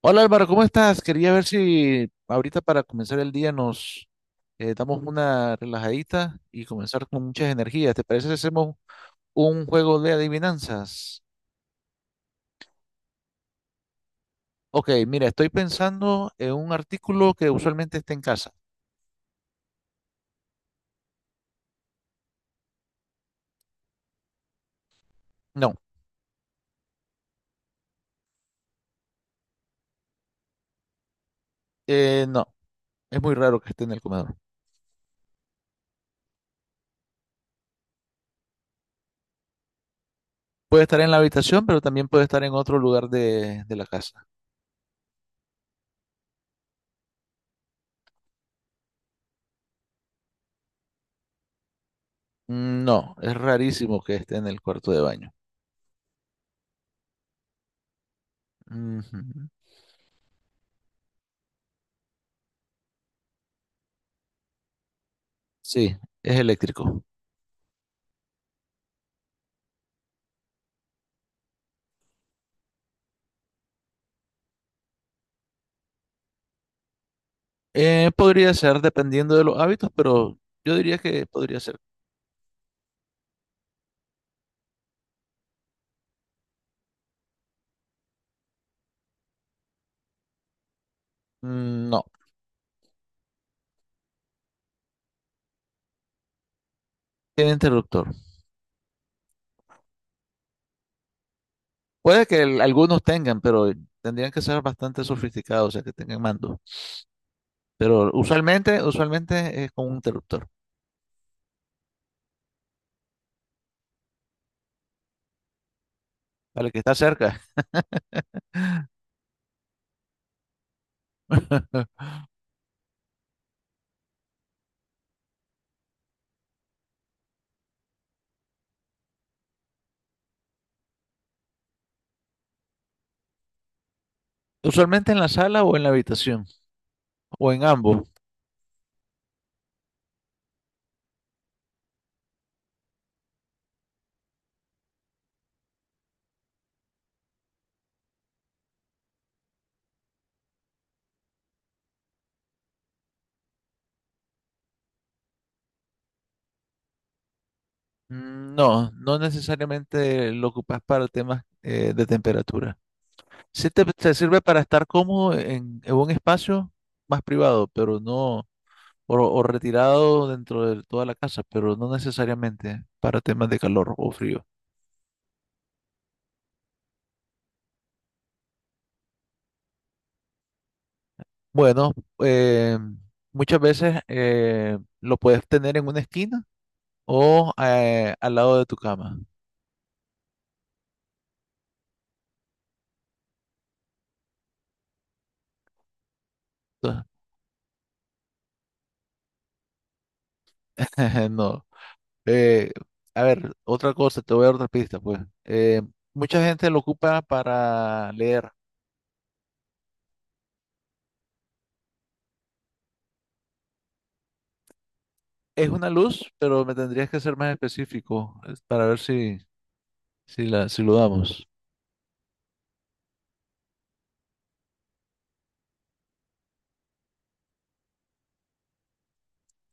Hola Álvaro, ¿cómo estás? Quería ver si ahorita para comenzar el día nos damos una relajadita y comenzar con muchas energías. ¿Te parece si hacemos un juego de adivinanzas? Ok, mira, estoy pensando en un artículo que usualmente esté en casa. No, no, es muy raro que esté en el comedor. Puede estar en la habitación, pero también puede estar en otro lugar de la casa. Mm, no, es rarísimo que esté en el cuarto de baño. Ujú. Sí, es eléctrico. Podría ser dependiendo de los hábitos, pero yo diría que podría ser. Mm, no, tiene interruptor. Puede que algunos tengan, pero tendrían que ser bastante sofisticados, o sea, que tengan mando. Pero usualmente es con un interruptor, para el que está cerca. Usualmente en la sala o en la habitación, o en ambos. Mm, no, no necesariamente lo ocupas para temas de temperatura. Sí te sirve para estar cómodo en un espacio más privado, pero no. O retirado dentro de toda la casa, pero no necesariamente para temas de calor o frío. Bueno, eh, muchas veces lo puedes tener en una esquina o al lado de tu cama. Entonces, no. Eh, a ver, otra cosa, te voy a dar otra pista, pues. Eh, mucha gente lo ocupa para leer. Es una luz, pero me tendrías que ser más específico para ver si lo damos.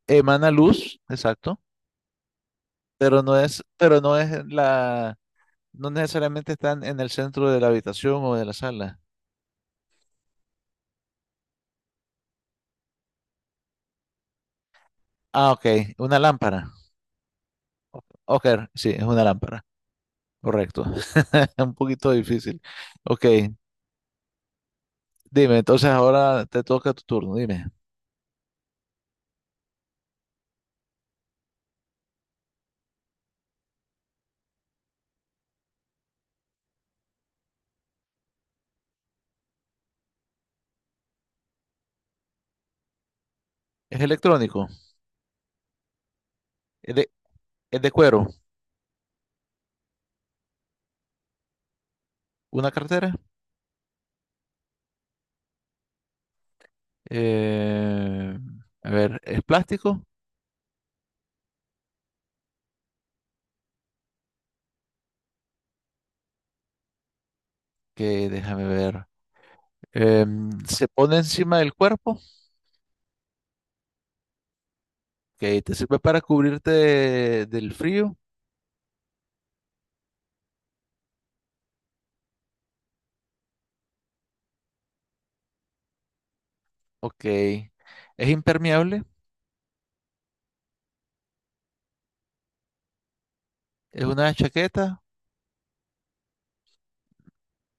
Emana luz, exacto. pero no es, pero no es la, no necesariamente están en el centro de la habitación o de la sala. Ah, ok, una lámpara. Ok, sí, es una lámpara, correcto. Un poquito difícil. Ok, dime, entonces ahora te toca tu turno, dime. ¿Es electrónico? ¿Es de, ¿es de cuero? ¿Una cartera? Eh, a ver, ¿es plástico? Que déjame ver. Em, ¿se pone encima del cuerpo? Que te sirve para cubrirte del frío. Ok. Es impermeable. Es una chaqueta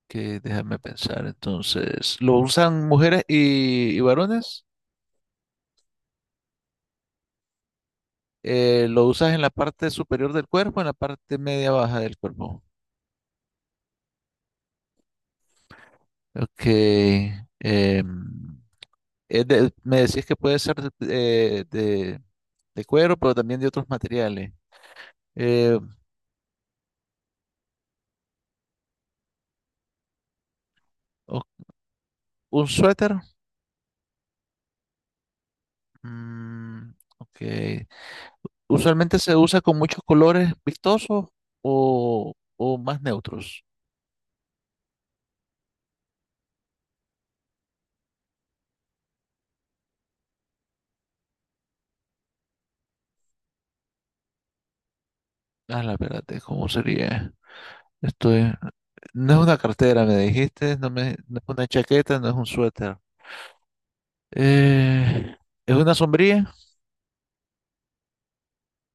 que déjame pensar. Entonces, ¿lo usan mujeres y varones? ¿Lo usas en la parte superior del cuerpo, en la parte media baja del cuerpo? Ok. Em, me decís que puede ser eh, de- de cuero, pero también de otros materiales. Eh, o- ¿Un suéter? Mm, ok. Usualmente se usa con muchos colores vistosos o más neutros. Ah, la verdad, ¿cómo sería? Esto es- no es una cartera, me dijiste, no, no es una chaqueta, no es un suéter. Eh, ¿Es una sombrilla?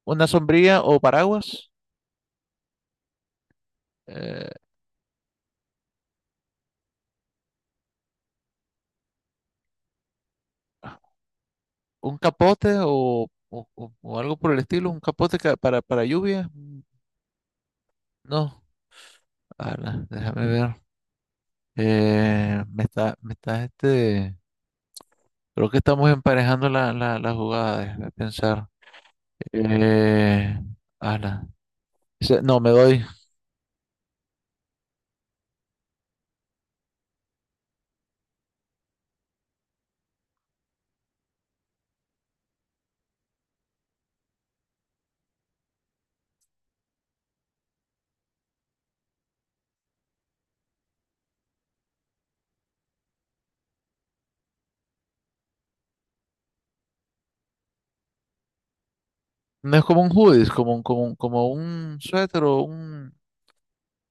¿Una sombrilla o paraguas? Eh, ¿Un capote o algo por el estilo? ¿Un capote para lluvia? Mm, no, ala, déjame ver. Me está este. Creo que estamos emparejando la jugada, déjame pensar. Eh, ala. No, me doy. No es como un hoodie, es como como un suéter o un...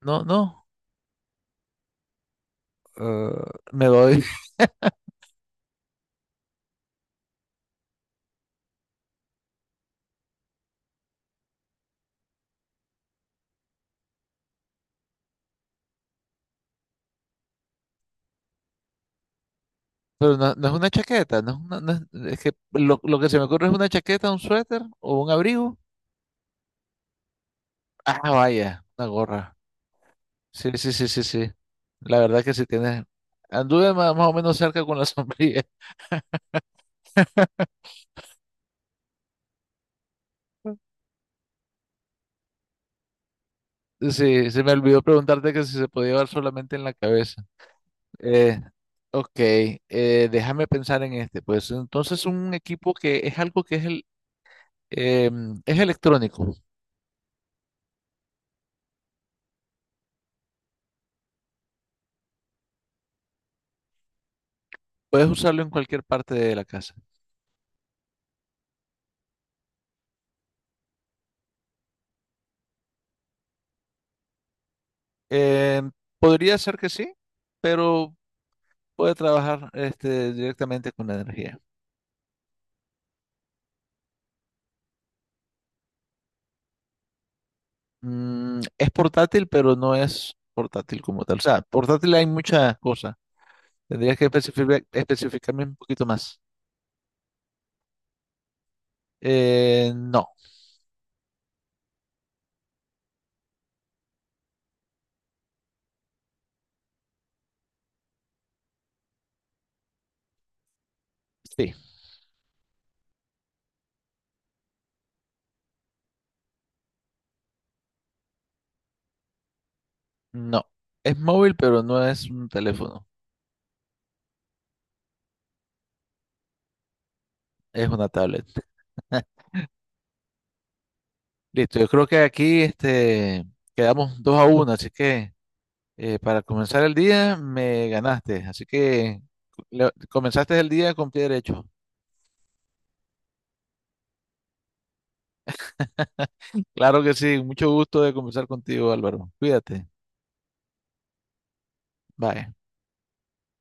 No, no. eh, me doy. Pero no, no es una chaqueta, no es una- no es, es que lo que se me ocurre es una chaqueta, un suéter o un abrigo. Ah, vaya, una gorra. Sí, sí, sí, sí, sí. La verdad que sí tienes. Anduve más, más o menos cerca con la sombrilla. Sí, se me olvidó preguntarte que si se podía llevar solamente en la cabeza. Eh, ok, déjame pensar en este. Pues entonces un equipo que es algo que es, el, em, es electrónico. Puedes usarlo en cualquier parte de la casa. Em, podría ser que sí, pero puede trabajar este, directamente con la energía. Mm, es portátil, pero no es portátil como tal. O sea, portátil hay muchas cosas. Tendrías que especificarme un poquito más. No, sí, no. Es móvil, pero no es un teléfono. Es una tablet. Listo, yo creo que aquí este, quedamos 2-1, así que para comenzar el día me ganaste, así que comenzaste el día con pie derecho. Claro que sí, mucho gusto de conversar contigo, Álvaro. Cuídate. Bye.